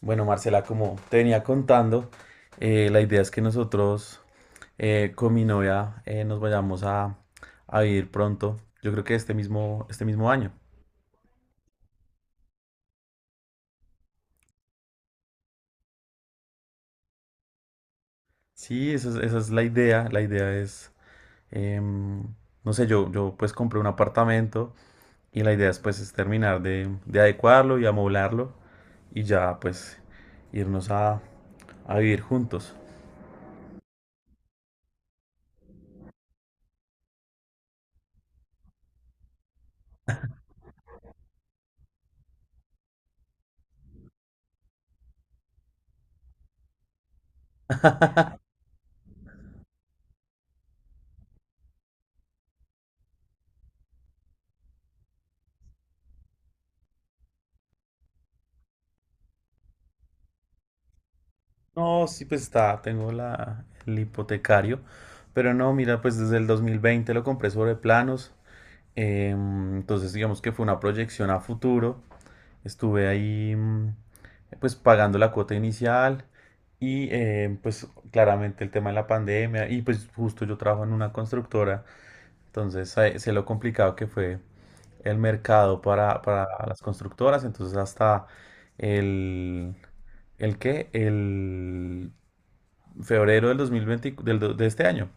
Bueno, Marcela, como te venía contando, la idea es que nosotros con mi novia nos vayamos a vivir pronto. Yo creo que este mismo año. Sí, esa es la idea. Em, no sé, yo pues compré un apartamento y la idea es pues es terminar de adecuarlo y amoblarlo y ya pues irnos a vivir juntos. No, sí, pues está, el hipotecario, pero no, mira, pues desde el 2020 lo compré sobre planos, entonces digamos que fue una proyección a futuro, estuve ahí, pues pagando la cuota inicial y pues claramente el tema de la pandemia y pues justo yo trabajo en una constructora, entonces sé lo complicado que fue el mercado para las constructoras, entonces hasta el... ¿El qué? El febrero del 2020, de este año,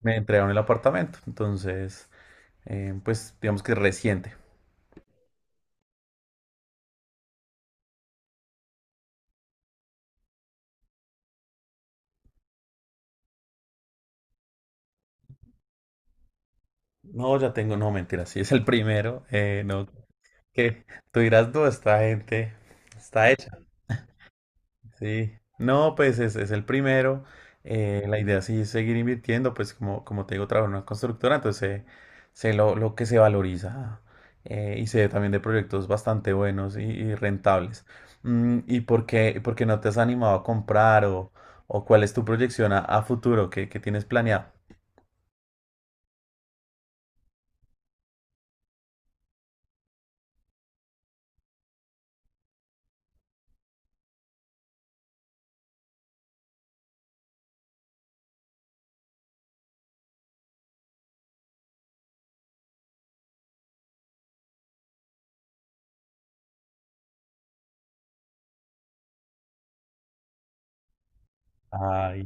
me entregaron el apartamento. Entonces, pues digamos que es reciente. No, ya tengo, no, mentira, sí, es el primero. No, que tú dirás, no, esta gente está hecha. Sí, no, pues es el primero. La idea sí es seguir invirtiendo, pues como, como te digo, trabajo en una constructora, entonces sé, lo que se valoriza, y sé también de proyectos bastante buenos y rentables. Mm, y por qué no te has animado a comprar o cuál es tu proyección a futuro que tienes planeado? Ay,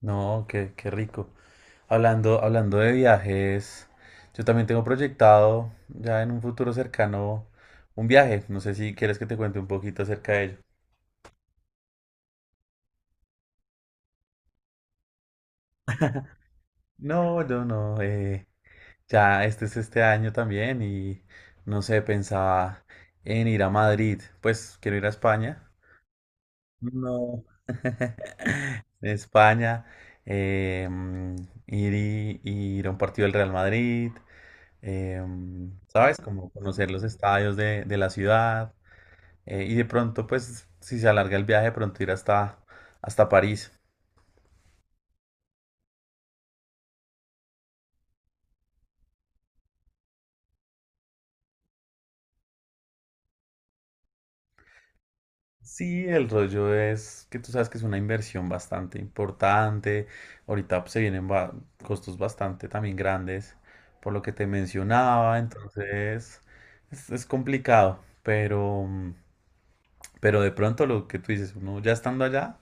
no, qué, qué rico. Hablando, hablando de viajes, yo también tengo proyectado ya en un futuro cercano un viaje. No sé si quieres que te cuente un poquito acerca de ello. No, yo no. Ya este es este año también y no sé, pensaba en ir a Madrid. Pues quiero ir a España. No. España. eh, mm, ir, y- ir a un partido del Real Madrid. ¿Sabes? Como conocer los estadios de la ciudad. Y de pronto, pues, si se alarga el viaje, de pronto ir hasta París. Sí, el rollo es que tú sabes que es una inversión bastante importante. Ahorita pues, costos bastante también grandes, por lo que te mencionaba. Entonces, es complicado, pero, pero de pronto lo que tú dices, uno ya estando allá,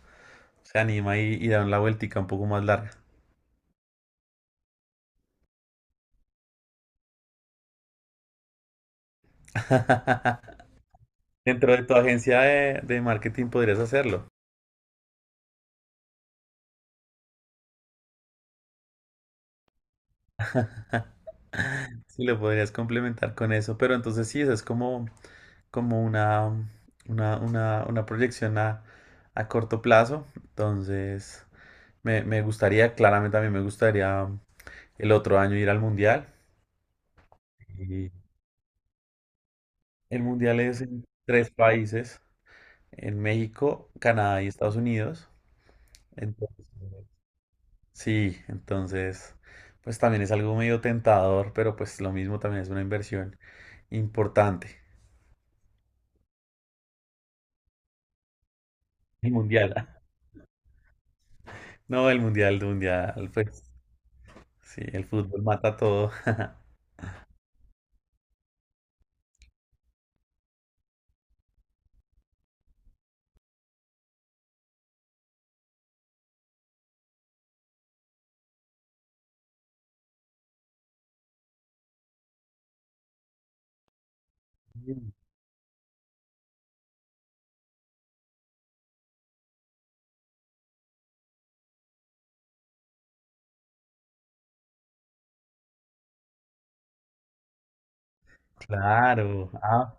se anima y da la vueltica un poco más larga. Dentro de tu agencia de marketing podrías hacerlo. Sí, lo podrías complementar con eso, pero entonces sí, esa es como, como una, una proyección a corto plazo. Entonces, me gustaría, claramente a mí me gustaría el otro año ir al Mundial. Y el Mundial es en tres países, en México, Canadá y Estados Unidos. Entonces, sí, entonces, pues también es algo medio tentador, pero pues lo mismo también es una inversión importante. El Mundial. No, el mundial, pues sí, el fútbol mata todo. Mm. Claro. Ah,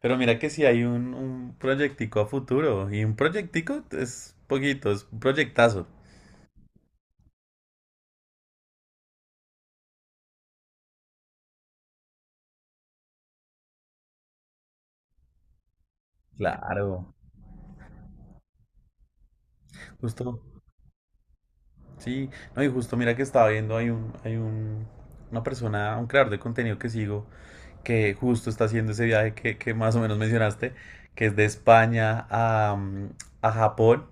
pero mira que si hay un proyectico a futuro y un proyectico es poquito, es un proyectazo. Claro. Justo, sí. No, y justo mira que estaba viendo, hay un, una persona, un creador de contenido que sigo que justo está haciendo ese viaje que más o menos mencionaste, que es de España a Japón,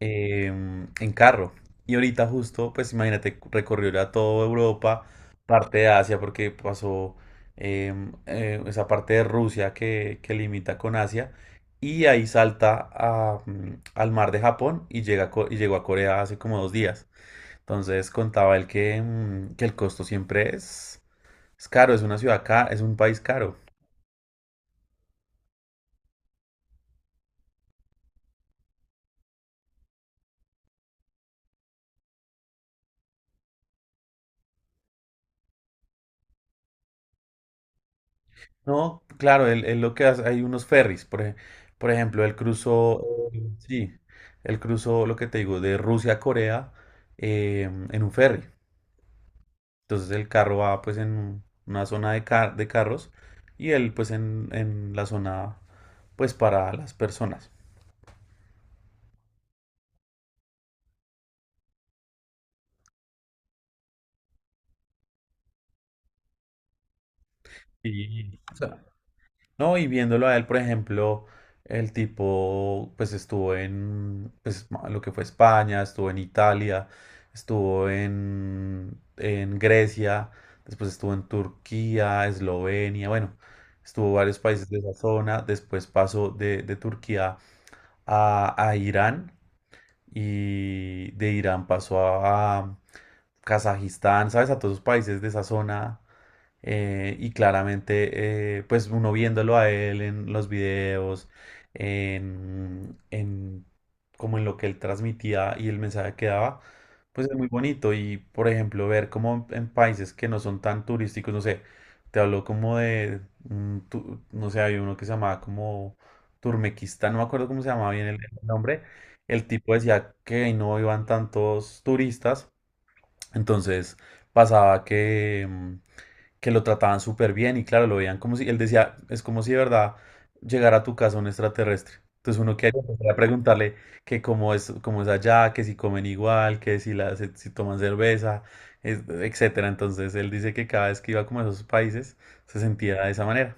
en carro. Y ahorita justo, pues imagínate, recorrió ya toda Europa, parte de Asia, porque pasó esa parte de Rusia que limita con Asia, y ahí salta al mar de Japón y, y llegó a Corea hace como dos días. Entonces contaba él que que el costo siempre es caro, es una ciudad cara, es un país caro. No, claro, él lo que hace, hay unos ferries, por ejemplo, sí, él cruzó lo que te digo, de Rusia a Corea, eh, en un ferry. Entonces el carro va pues una zona de, de carros y él pues en la zona pues para las personas. Sí. No, y viéndolo a él, por ejemplo, el tipo pues estuvo en pues, lo que fue España, estuvo en Italia, estuvo en Grecia, después estuvo en Turquía, Eslovenia, bueno, estuvo varios países de esa zona, después pasó de Turquía a Irán y de Irán pasó a Kazajistán, ¿sabes? A todos los países de esa zona, y claramente, pues uno viéndolo a él en los videos, en como en lo que él transmitía y el mensaje que daba, pues es muy bonito. Y por ejemplo, ver como en países que no son tan turísticos, no sé, te hablo como de, no sé, había uno que se llamaba como Turmequistán, no me acuerdo cómo se llamaba bien el nombre. El tipo decía que ahí no iban tantos turistas, entonces pasaba que. Que lo trataban súper bien y claro, lo veían como si, él decía, es como si de verdad llegara a tu casa un extraterrestre. Entonces uno que empezar a preguntarle que cómo es allá, que si comen igual, que si, la, si, si toman cerveza, etcétera. Entonces él dice que cada vez que iba como a esos países se sentía de esa manera.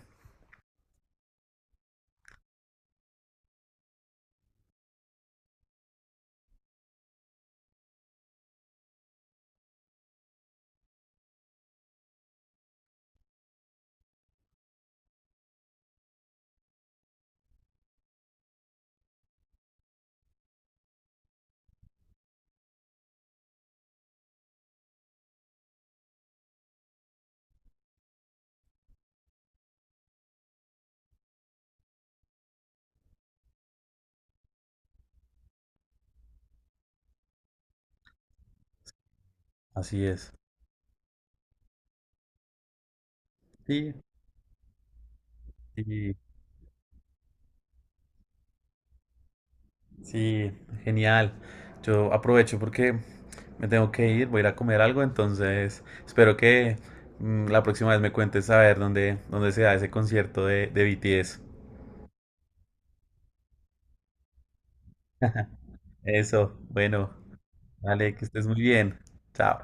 Así es. Sí. Y sí, genial. Yo aprovecho porque me tengo que ir, voy a ir a comer algo, entonces espero que, la próxima vez me cuentes a ver dónde, dónde se da ese concierto de BTS. Eso, bueno, vale, que estés muy bien. Chao.